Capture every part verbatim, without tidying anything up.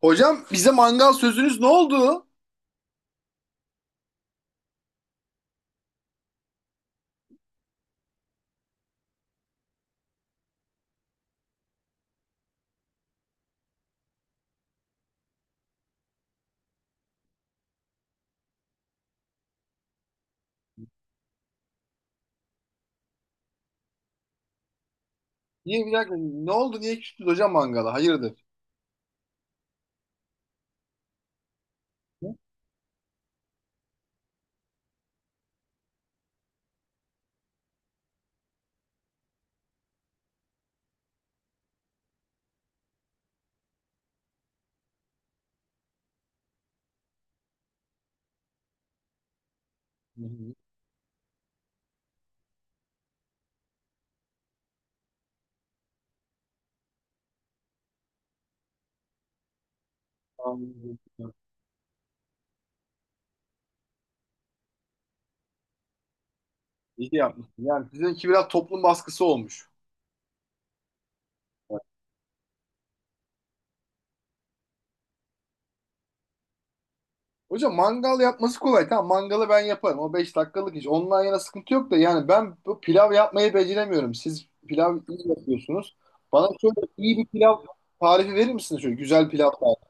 Hocam bize mangal sözünüz ne oldu? Niye bir dakika ne oldu niye küstünüz hocam mangala? Hayırdır? Hı? Hı hı. Anladım. İyi yapmışsın. Yani sizinki biraz toplum baskısı olmuş. Evet. Hocam mangal yapması kolay. Tamam, mangalı ben yaparım. O beş dakikalık iş. Ondan yana sıkıntı yok da yani ben bu pilav yapmayı beceremiyorum. Siz pilav iyi yapıyorsunuz. Bana şöyle iyi bir pilav tarifi verir misiniz? Şöyle güzel pilav tarifi.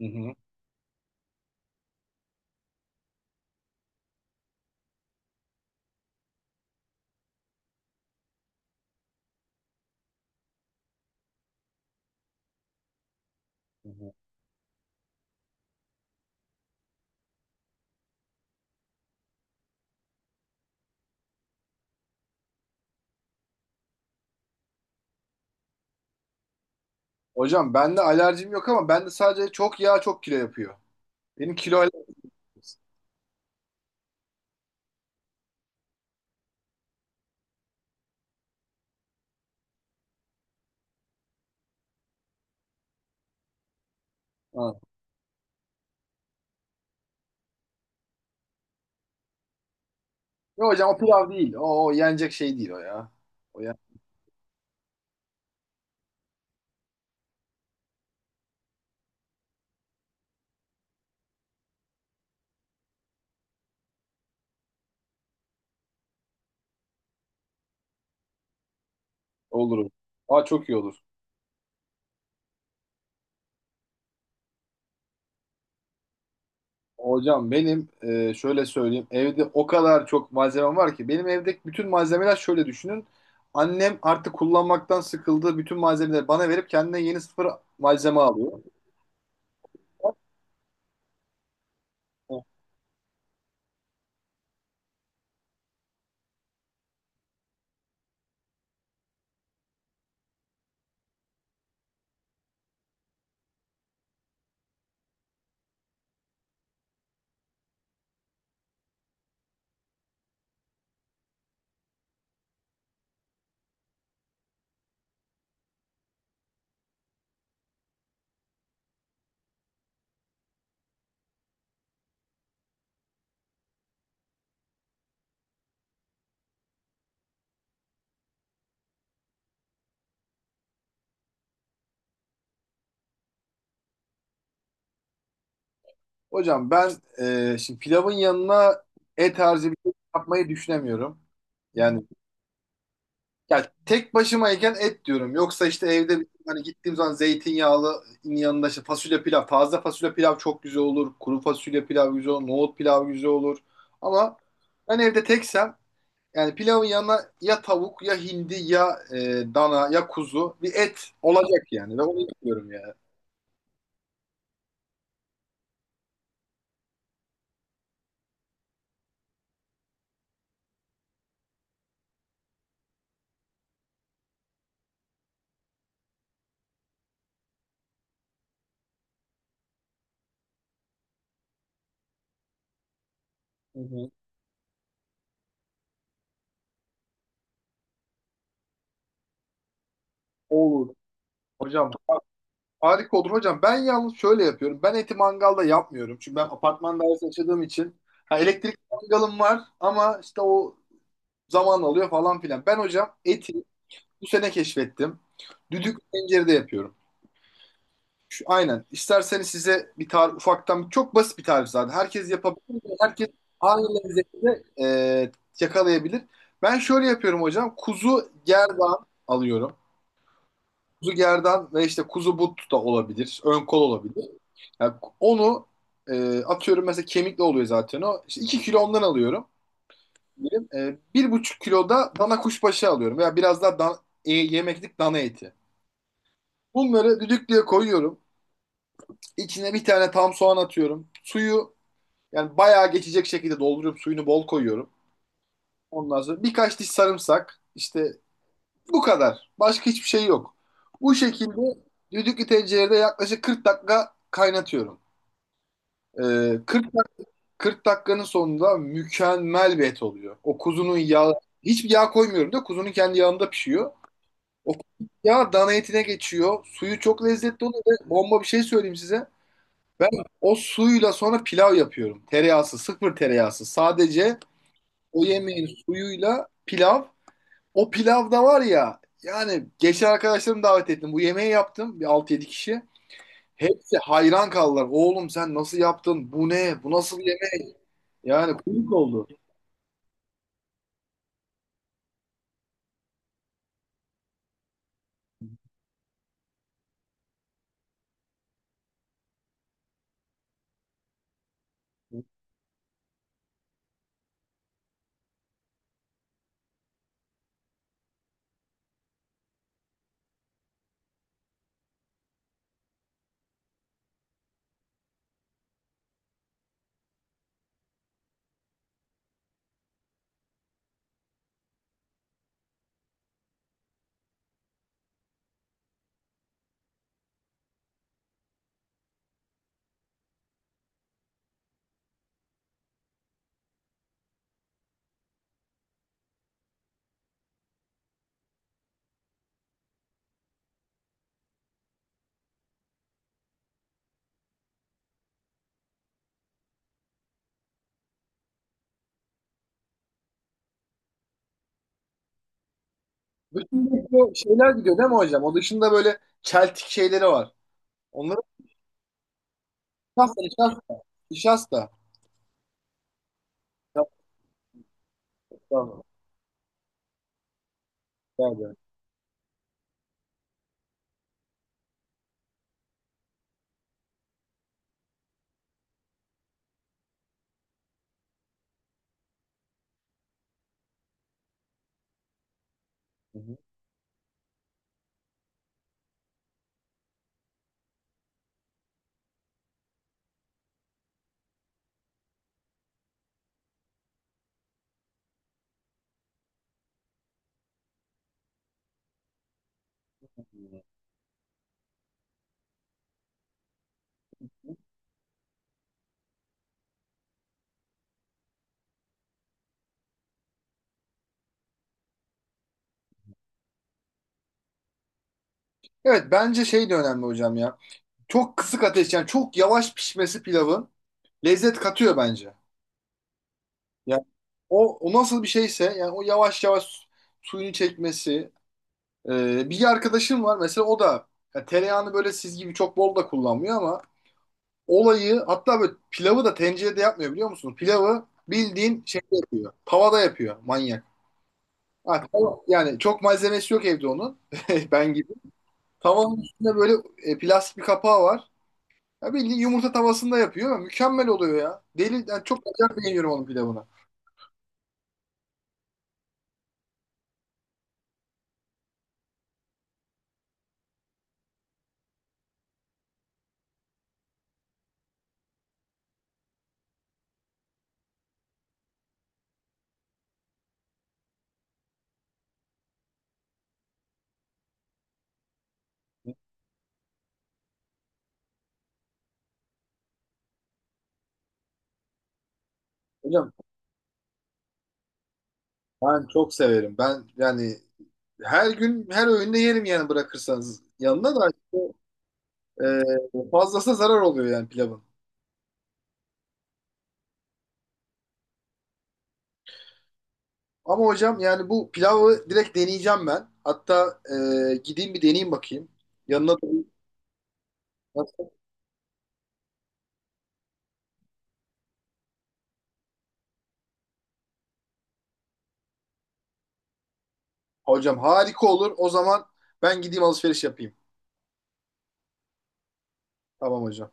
Hı hı. Hı hı. Hocam bende alerjim yok ama bende sadece çok yağ çok kilo yapıyor. Benim kilo alerjim. Yok hocam o pilav değil. O, o yenecek şey değil o ya. O ya olur. Olur. Aa, çok iyi olur. Hocam benim e, şöyle söyleyeyim. Evde o kadar çok malzemem var ki. Benim evdeki bütün malzemeler şöyle düşünün. Annem artık kullanmaktan sıkıldığı bütün malzemeleri bana verip kendine yeni sıfır malzeme alıyor. Hocam ben e, şimdi pilavın yanına et tarzı bir şey yapmayı düşünemiyorum. Yani, ya tek başımayken et diyorum. Yoksa işte evde bir- hani gittiğim zaman zeytinyağlı yanında işte fasulye pilav. Taze fasulye pilav çok güzel olur. Kuru fasulye pilav güzel olur. Nohut pilav güzel olur. Ama ben evde teksem yani pilavın yanına ya tavuk ya hindi ya e, dana ya kuzu bir et olacak yani. Ve onu istiyorum yani. Hı hı. Olur. Hocam har- harika olur hocam. Ben yalnız şöyle yapıyorum. Ben eti mangalda yapmıyorum. Çünkü ben apartman dairesi yaşadığım için ha, elektrik mangalım var ama işte o zaman alıyor falan filan. Ben hocam eti bu sene keşfettim. Düdüklü tencerede yapıyorum. Şu, aynen. İsterseniz size bir tarif ufaktan çok basit bir tarif zaten. Herkes yapabilir. Herkes aynı lezzetini e, yakalayabilir. Ben şöyle yapıyorum hocam. Kuzu gerdan alıyorum. Kuzu gerdan ve işte kuzu but da olabilir. Ön kol olabilir. Yani onu e, atıyorum, mesela kemikli oluyor zaten o. İşte iki kilo ondan alıyorum. Benim, e, bir buçuk kiloda dana kuşbaşı alıyorum veya biraz daha dan- e, yemeklik dana eti. Bunları düdüklüye koyuyorum. İçine bir tane tam soğan atıyorum. Suyu yani bayağı geçecek şekilde dolduruyorum. Suyunu bol koyuyorum. Ondan sonra birkaç diş sarımsak. İşte bu kadar. Başka hiçbir şey yok. Bu şekilde düdüklü tencerede yaklaşık kırk dakika kaynatıyorum. E, kırk, dak- kırk dakikanın sonunda mükemmel bir et oluyor. O kuzunun yağı, hiçbir yağ koymuyorum da kuzunun kendi yağında pişiyor. O ya dana etine geçiyor. Suyu çok lezzetli oluyor. Ve bomba bir şey söyleyeyim size. Ben o suyla sonra pilav yapıyorum. Tereyağısı, sıfır tereyağısı. Sadece o yemeğin suyuyla pilav. O pilavda var ya. Yani geçen arkadaşlarımı davet ettim. Bu yemeği yaptım. Bir altı yedi kişi. Hepsi hayran kaldılar. Oğlum, sen nasıl yaptın? Bu ne? Bu nasıl bir yemek? Yani kuyruk oldu. Bütün bu şeyler gidiyor değil mi hocam? O dışında böyle çeltik şeyleri var. Onları nişasta, nişasta, nişasta. Daha da. Hı hı. Evet, bence şey de önemli hocam ya. Çok kısık ateş yani çok yavaş pişmesi pilavın lezzet katıyor bence. Yani o, o nasıl bir şeyse yani o yavaş yavaş suyunu çekmesi. Ee, bir arkadaşım var mesela o da ya tereyağını böyle siz gibi çok bol da kullanmıyor ama olayı hatta böyle pilavı da tencerede yapmıyor biliyor musunuz? Pilavı bildiğin şeyde yapıyor. Tavada yapıyor manyak. Ha, tava- yani çok malzemesi yok evde onun. Ben gibi. Tavanın üstünde böyle e, plastik bir kapağı var. Ya bildiğin yumurta tavasında yapıyor. Mükemmel oluyor ya. Deli, yani çok acayip beğeniyorum onun pilavını. Hocam ben çok severim. Ben yani her gün her öğünde yerim yani bırakırsanız. Yanına da işte, e, fazlası zarar oluyor yani pilavın. Ama hocam yani bu pilavı direkt deneyeceğim ben. Hatta e, gideyim bir deneyeyim bakayım. Yanına da nasıl? Hocam harika olur. O zaman ben gideyim alışveriş yapayım. Tamam hocam.